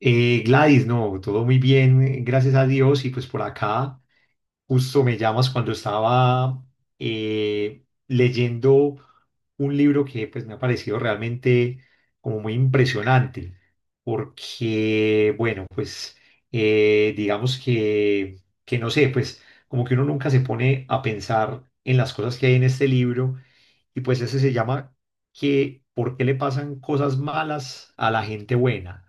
Gladys, no, todo muy bien, gracias a Dios. Y pues por acá, justo me llamas cuando estaba leyendo un libro que pues me ha parecido realmente como muy impresionante, porque bueno, pues digamos que no sé, pues como que uno nunca se pone a pensar en las cosas que hay en este libro y pues ese se llama que ¿por qué le pasan cosas malas a la gente buena?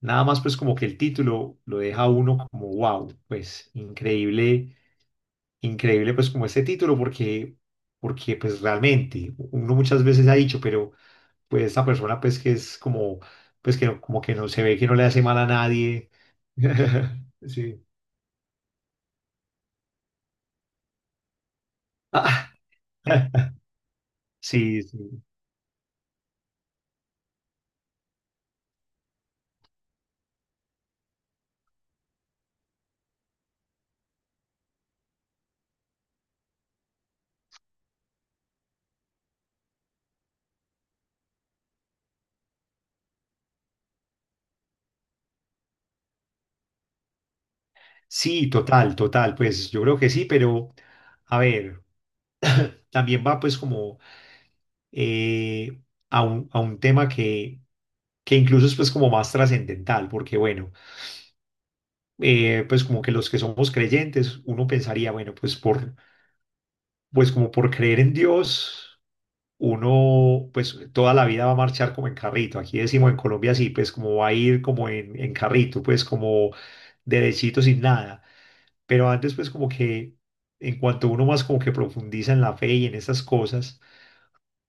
Nada más pues como que el título lo deja a uno como wow, pues increíble, increíble pues como este título porque pues realmente uno muchas veces ha dicho, pero pues esta persona pues que es como, pues que como que no se ve que no le hace mal a nadie. Sí. Ah, sí, sí. Sí, total, total, pues yo creo que sí, pero a ver, también va pues como eh, a a un tema que incluso es pues como más trascendental, porque bueno, pues como que los que somos creyentes, uno pensaría, bueno, pues como por creer en Dios, uno pues toda la vida va a marchar como en carrito, aquí decimos en Colombia sí, pues como va a ir como en carrito, pues como derechito sin nada, pero antes pues como que en cuanto uno más como que profundiza en la fe y en esas cosas,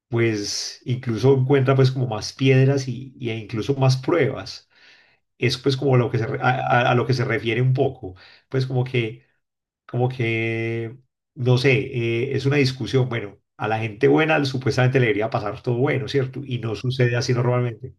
pues incluso encuentra pues como más piedras y e incluso más pruebas es pues como lo que se, re- a lo que se refiere un poco, pues como como que, no sé, es una discusión, bueno, a la gente buena supuestamente le debería pasar todo bueno, ¿cierto? Y no sucede así normalmente.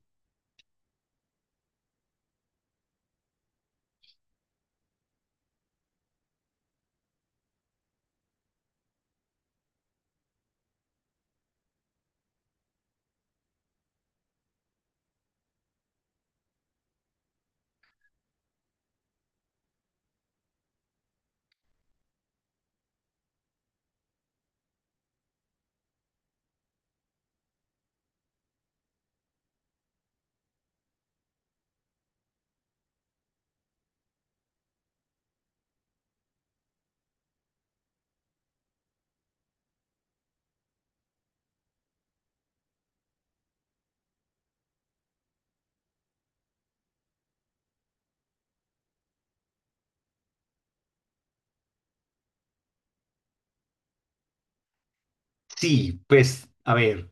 Sí, pues, a ver,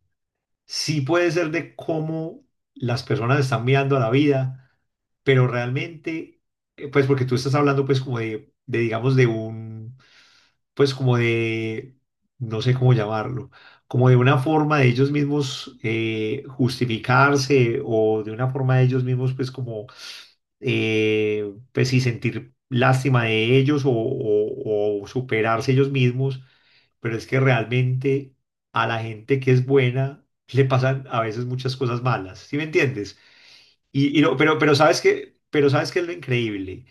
sí puede ser de cómo las personas están mirando a la vida, pero realmente, pues porque tú estás hablando pues como digamos, de un, pues como de, no sé cómo llamarlo, como de una forma de ellos mismos justificarse o de una forma de ellos mismos pues como, pues sí, sentir lástima de ellos o superarse ellos mismos, pero es que realmente a la gente que es buena le pasan a veces muchas cosas malas, ¿sí me entiendes? Y no, pero sabes pero sabes que es lo increíble,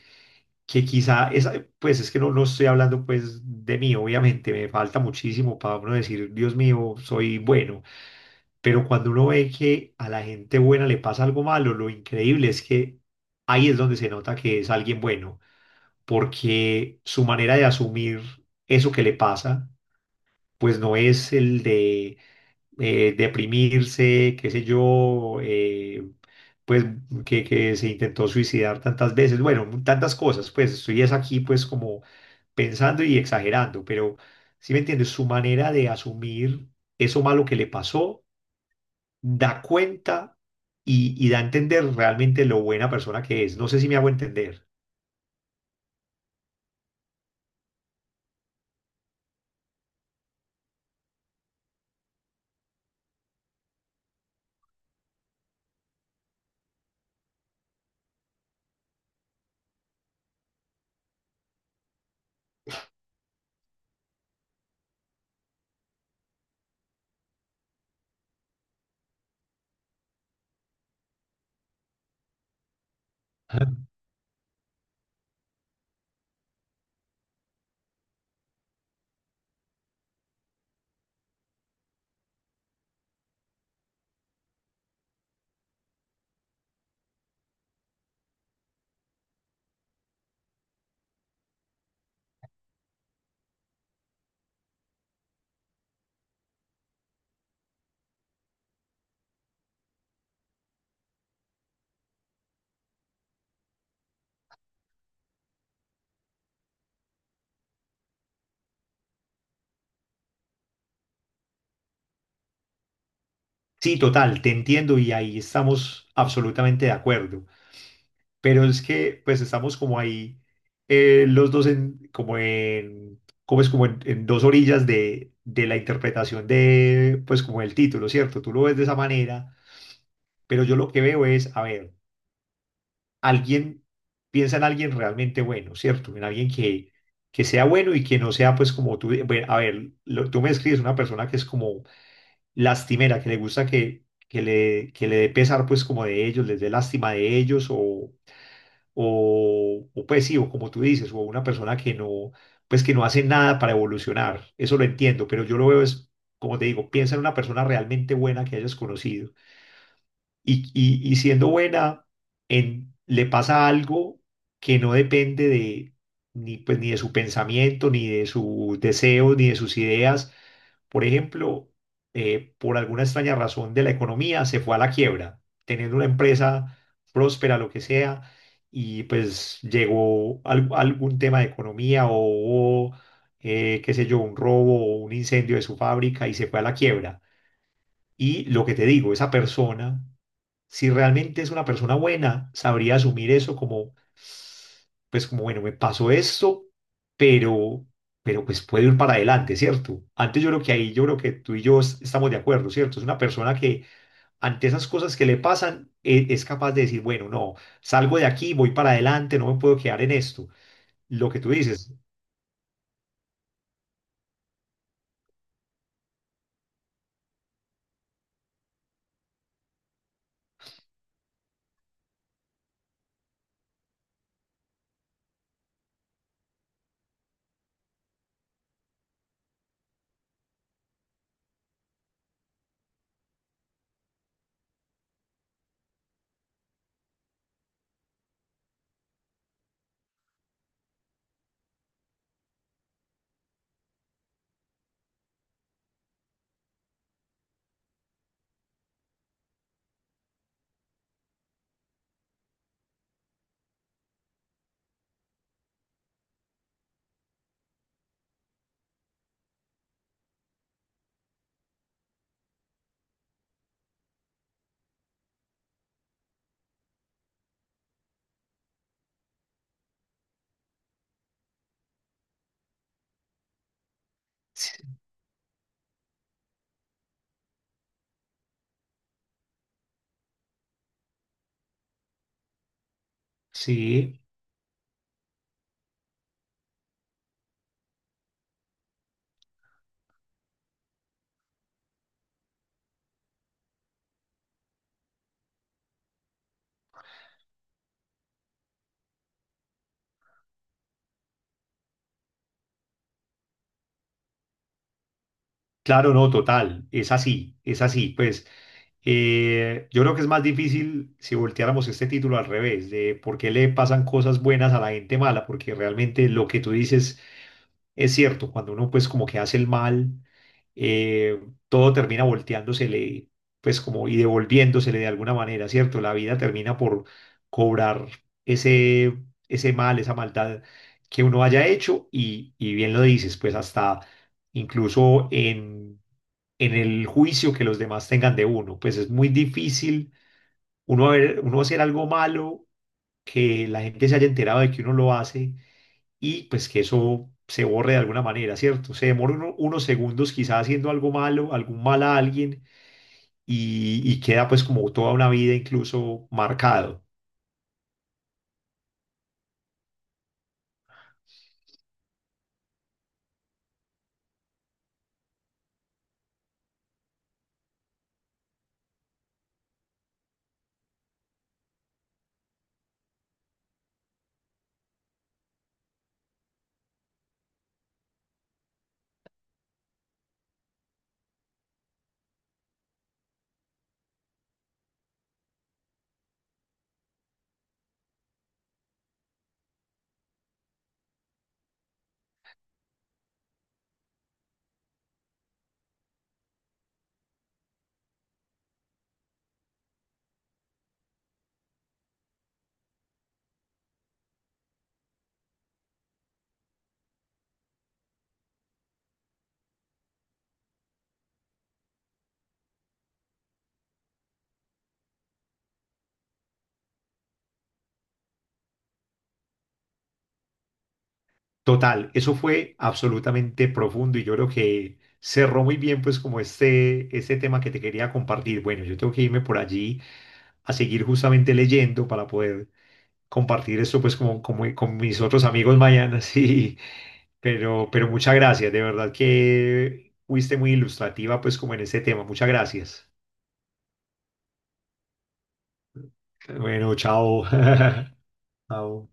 que quizá esa, pues es que no, no estoy hablando pues de mí, obviamente, me falta muchísimo para uno decir, Dios mío, soy bueno, pero cuando uno ve que a la gente buena le pasa algo malo, lo increíble es que ahí es donde se nota que es alguien bueno, porque su manera de asumir eso que le pasa, pues no es el de deprimirse, qué sé yo, pues que se intentó suicidar tantas veces, bueno, tantas cosas, pues estoy es aquí pues como pensando y exagerando, pero si me entiendes, su manera de asumir eso malo que le pasó, da cuenta y da a entender realmente lo buena persona que es. No sé si me hago entender. Ajá. Sí, total, te entiendo y ahí estamos absolutamente de acuerdo. Pero es que pues estamos como ahí los dos en como es como en dos orillas de la interpretación de pues como el título, ¿cierto? Tú lo ves de esa manera, pero yo lo que veo es, a ver, alguien piensa en alguien realmente bueno, ¿cierto? En alguien que sea bueno y que no sea pues como tú, bueno, a ver, tú me describes una persona que es como lastimera, que le gusta que le dé pesar pues como de ellos, les dé lástima de ellos o, pues sí, o como tú dices, o una persona que no, pues que no hace nada para evolucionar. Eso lo entiendo, pero yo lo veo es, como te digo, piensa en una persona realmente buena que hayas conocido y siendo buena, le pasa algo que no depende ni, pues, ni de su pensamiento, ni de su deseo, ni de sus ideas, por ejemplo, por alguna extraña razón de la economía, se fue a la quiebra, teniendo una empresa próspera, lo que sea, y pues algún tema de economía o, hubo, qué sé yo, un robo o un incendio de su fábrica y se fue a la quiebra. Y lo que te digo, esa persona si realmente es una persona buena, sabría asumir eso como, pues como, bueno, me pasó esto, pero, pero pues puedo ir para adelante, ¿cierto? Antes yo creo que ahí, yo creo que tú y yo estamos de acuerdo, ¿cierto? Es una persona que ante esas cosas que le pasan, es capaz de decir, bueno, no, salgo de aquí, voy para adelante, no me puedo quedar en esto. Lo que tú dices, sí. Claro, no, total, es así, es así. Pues yo creo que es más difícil si volteáramos este título al revés, de por qué le pasan cosas buenas a la gente mala, porque realmente lo que tú dices es cierto, cuando uno pues como que hace el mal, eh, todo termina volteándosele, pues como y devolviéndosele de alguna manera, ¿cierto? La vida termina por cobrar ese, ese mal, esa maldad que uno haya hecho y bien lo dices, pues hasta incluso en el juicio que los demás tengan de uno. Pues es muy difícil uno hacer algo malo, que la gente se haya enterado de que uno lo hace y pues que eso se borre de alguna manera, ¿cierto? Se demora unos segundos quizás haciendo algo malo, algún mal a alguien y queda pues como toda una vida incluso marcado. Total, eso fue absolutamente profundo y yo creo que cerró muy bien pues como este tema que te quería compartir. Bueno, yo tengo que irme por allí a seguir justamente leyendo para poder compartir esto pues como, como con mis otros amigos mañana, sí, pero muchas gracias, de verdad que fuiste muy ilustrativa pues como en este tema, muchas gracias. Bueno, chao. Chao.